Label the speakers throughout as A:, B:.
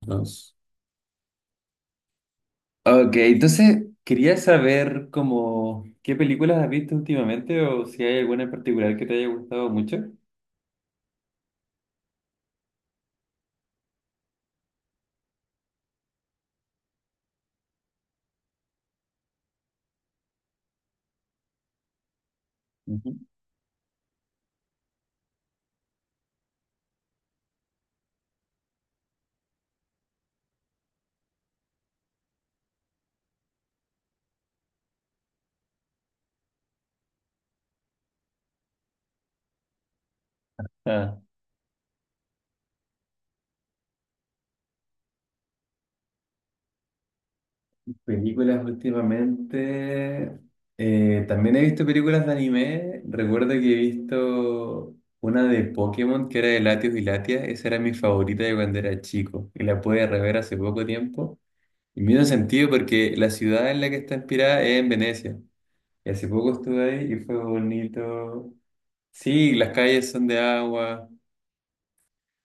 A: Dos. Ok, entonces quería saber como qué películas has visto últimamente o si hay alguna en particular que te haya gustado mucho. Ujú. Ah, películas últimamente. También he visto películas de anime. Recuerdo que he visto una de Pokémon que era de Latios y Latias. Esa era mi favorita de cuando era chico. Y la pude rever hace poco tiempo. Y me hizo sentido porque la ciudad en la que está inspirada es en Venecia. Y hace poco estuve ahí y fue bonito. Sí, las calles son de agua.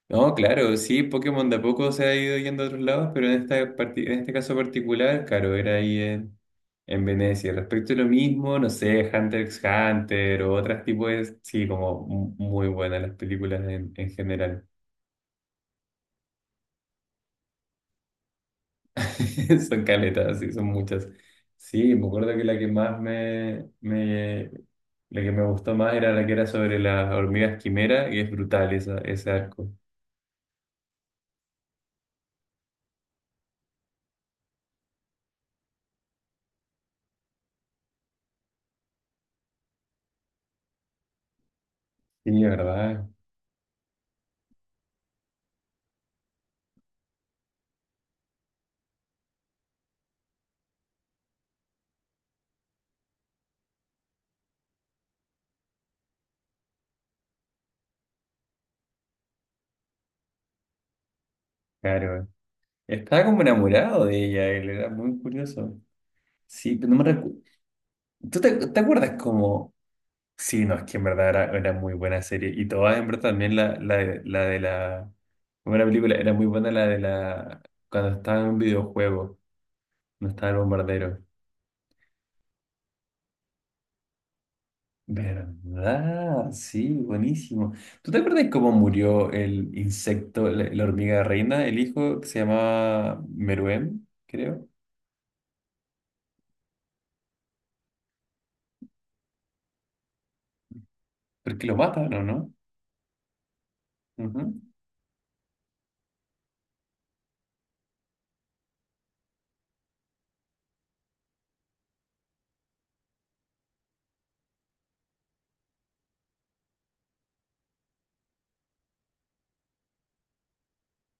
A: No, claro, sí, Pokémon de a poco se ha ido yendo a otros lados, pero en este caso particular, claro, era ahí en Venecia. Respecto a lo mismo, no sé, Hunter x Hunter o otros tipos de... Sí, como muy buenas las películas en general. Son caletas, sí, son muchas. Sí, me acuerdo que la que más me... La que me gustó más era la que era sobre las hormigas quimera, y es brutal esa, ese arco. Sí, ¿verdad? Claro. Estaba como enamorado de ella, él era muy curioso. Sí, pero no me recuerdo. ¿Tú te acuerdas cómo? Sí, no, es que en verdad era muy buena serie. Y todas, en verdad, también la de la. Como era película, era muy buena la de la. Cuando estaba en un videojuego, no estaba el bombardero. ¿Verdad? Sí, buenísimo. ¿Tú te acuerdas cómo murió el insecto, la hormiga reina, el hijo que se llamaba Meruem, creo? Porque lo matan, ¿o no? Ujú.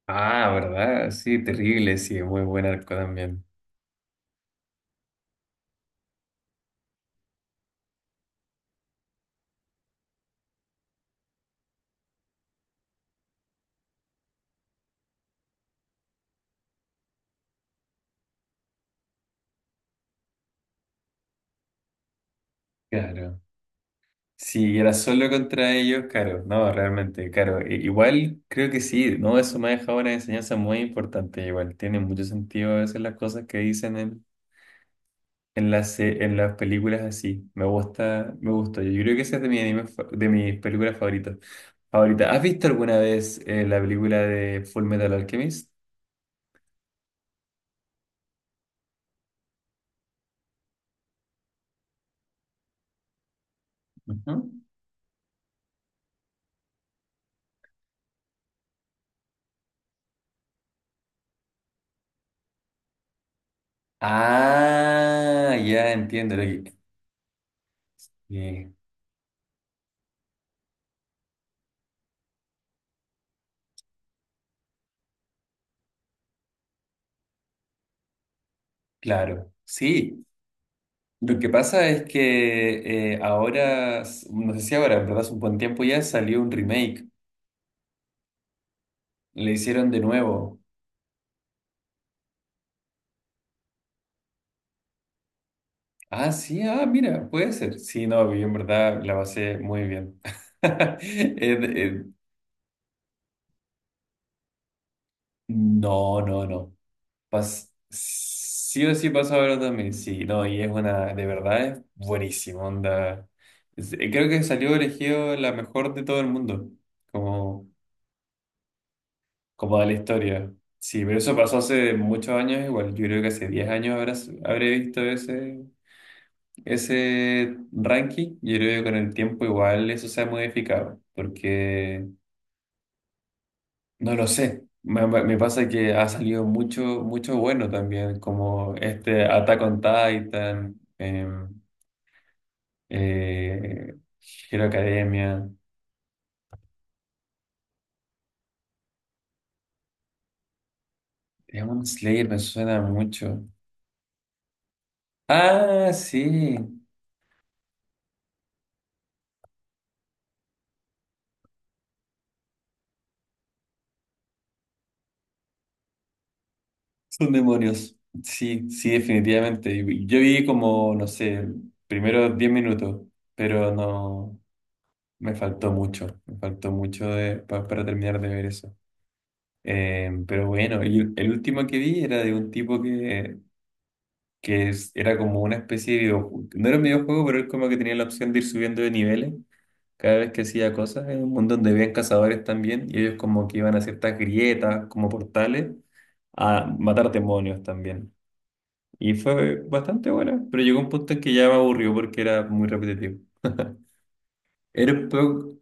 A: Ah, ¿verdad? Sí, terrible, sí, muy buen arco también. Claro. Si era solo contra ellos, claro, no, realmente, claro. Igual creo que sí, no, eso me ha dejado una enseñanza muy importante. Igual tiene mucho sentido a veces las cosas que dicen en las, en las películas así. Me gusta, me gusta. Yo creo que esa es de de mis películas favoritas. Favorita. ¿Has visto alguna vez la película de Full Metal Alchemist? Ujú. Ah, ya entiendo. Eh, Claro, sí. Lo que pasa es que ahora, no sé si ahora, en verdad hace un buen tiempo ya salió un remake. Le hicieron de nuevo. Ah, sí, ah, mira, puede ser. Sí, no, yo en verdad la pasé muy bien. Eh, eh, no, no, no. Sí o sí pasa ahora también. Sí, no, y es una, de verdad es buenísimo, onda. Creo que salió elegido la mejor de todo el mundo. Como. Como da la historia. Sí, pero eso pasó hace muchos años igual. Yo creo que hace 10 años habré visto ese, ese ranking. Yo creo que con el tiempo igual eso se ha modificado, porque no lo sé. Me pasa que ha salido mucho, mucho bueno también, como este Attack on Titan, eh, Hero Academia. Demon Slayer me suena mucho. Ah, sí. Son demonios. Sí, sí, definitivamente. Yo vi como, no sé, primero 10 minutos, pero no, me faltó mucho de, para terminar de ver eso. Pero bueno, y el último que vi era de un tipo que, era como una especie de videojuego. No era un videojuego, pero él como que tenía la opción de ir subiendo de niveles cada vez que hacía cosas. En un mundo donde habían cazadores también y ellos como que iban a ciertas grietas, como portales, a matar demonios también. Y fue bastante buena, pero llegó un punto en que ya me aburrió porque era muy repetitivo. Era un poco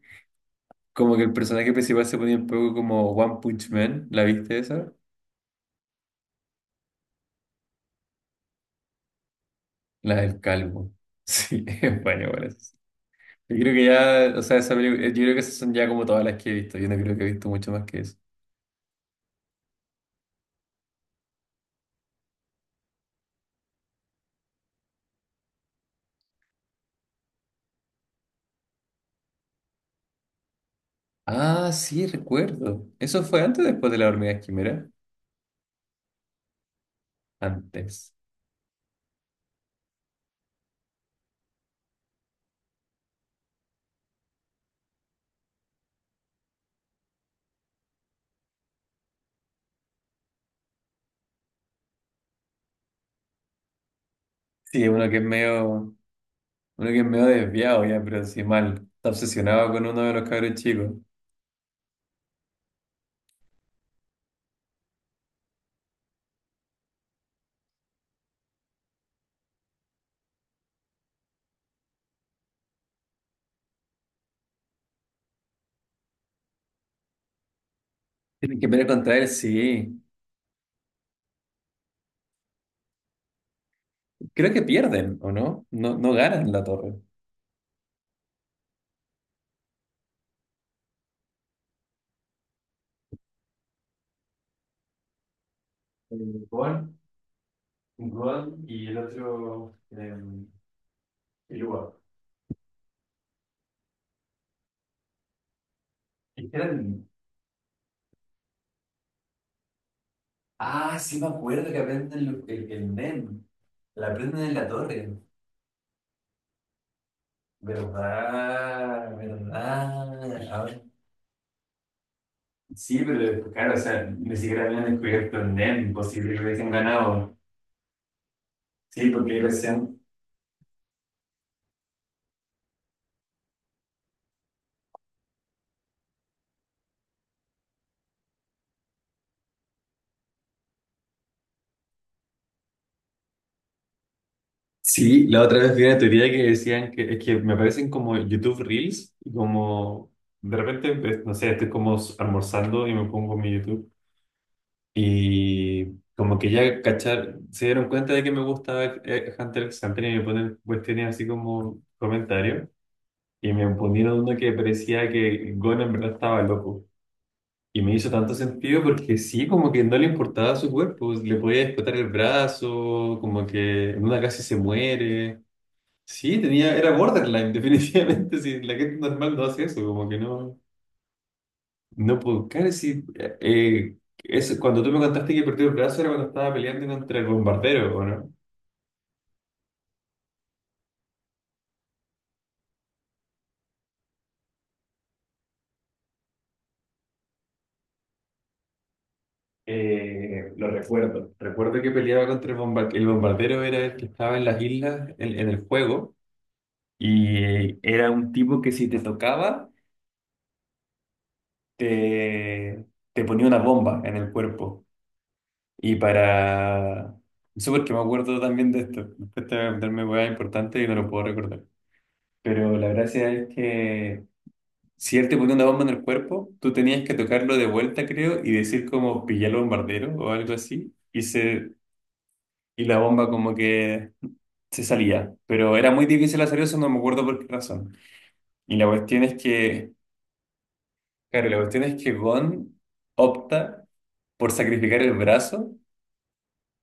A: como que el personaje principal se ponía un poco como One Punch Man, ¿la viste esa? La del calvo. Sí, es bueno, bueno. Yo creo que ya, o sea, yo creo que esas son ya como todas las que he visto. Yo no creo que he visto mucho más que eso. Ah, sí, recuerdo. ¿Eso fue antes o después de la hormiga quimera? Antes. Sí, uno que es medio desviado ya, pero así mal. Está obsesionado con uno de los cabros chicos. Tienen que pelear contra él, sí. Creo que pierden, ¿o no? No, no ganan la torre. Eh, Gon, Gon y el otro, Iruka. Es que eran- Ah, sí me acuerdo que aprenden el NEM. La aprenden en la torre. ¿Verdad? ¿Verdad? A ver. Sí, pero claro, o sea, ni siquiera habían descubierto el NEM, posible que hubiesen ganado. Sí, porque ellos. Sí, la otra vez vi una teoría que decían que es que me aparecen como YouTube Reels y como de repente, pues, no sé, estoy como almorzando y me pongo mi YouTube, y como que ya cachar, se dieron cuenta de que me gusta Hunter x Hunter y me ponen cuestiones así como comentarios, y me ponieron uno que parecía que Gon en verdad estaba loco. Y me hizo tanto sentido porque sí, como que no le importaba su cuerpo, le podía explotar el brazo, como que en una casi se muere. Sí, tenía, era borderline, definitivamente. Sí, la gente normal no hace eso, como que no, no puedo. Claro, sí, eso, cuando tú me contaste que perdió el brazo era cuando estaba peleando contra el bombardero, ¿o no? Lo recuerdo. Recuerdo que peleaba contra el bombardero. El bombardero era el que estaba en las islas, en el juego, y era un tipo que si te tocaba, te, te ponía una bomba en el cuerpo. Y para... Eso porque me acuerdo también de esto. Me cuesta meterme hueá importante y no lo puedo recordar. Pero la gracia es que si él te ponía una bomba en el cuerpo, tú tenías que tocarlo de vuelta, creo, y decir como pillé al bombardero o algo así. Y, se... y la bomba como que se salía. Pero era muy difícil hacer eso, no me acuerdo por qué razón. Y la cuestión es que... Claro, la cuestión es que Gon opta por sacrificar el brazo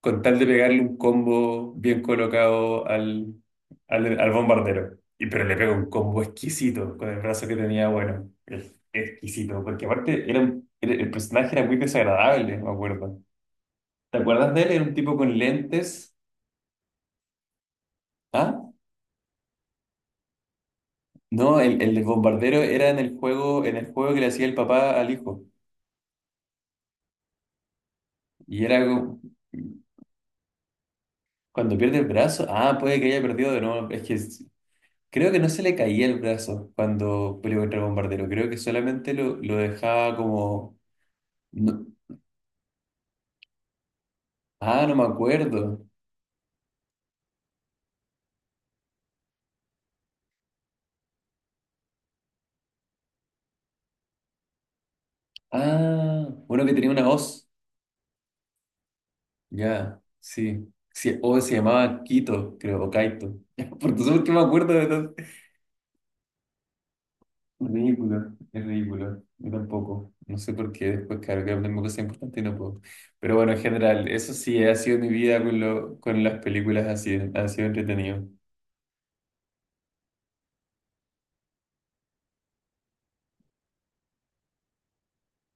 A: con tal de pegarle un combo bien colocado al bombardero. Y, pero le pega un combo exquisito con el brazo que tenía, bueno, exquisito, porque aparte el personaje era muy desagradable, me acuerdo. ¿Te acuerdas de él? Era un tipo con lentes. ¿Ah? No, el bombardero era en el juego que le hacía el papá al hijo. Y era como- Cuando pierde el brazo, ah, puede que haya perdido de nuevo. Es que Creo que no se le caía el brazo cuando peleó contra el bombardero. Creo que solamente lo dejaba como. No. Ah, no me acuerdo. Ah, uno que tenía una hoz. Ya, sí. Sí, o se llamaba Quito, creo, o Kaito. Por eso es que me acuerdo de todo. Ridículo, es ridículo. Yo tampoco. No sé por qué después, claro, que tengo cosas importantes y no puedo. Pero bueno, en general, eso sí, ha sido mi vida con, lo, con las películas así. Ha sido entretenido.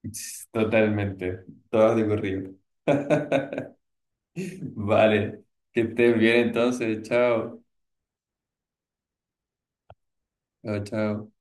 A: Totalmente, todas de corrido. Vale, que estén bien entonces, chao, chao, chao.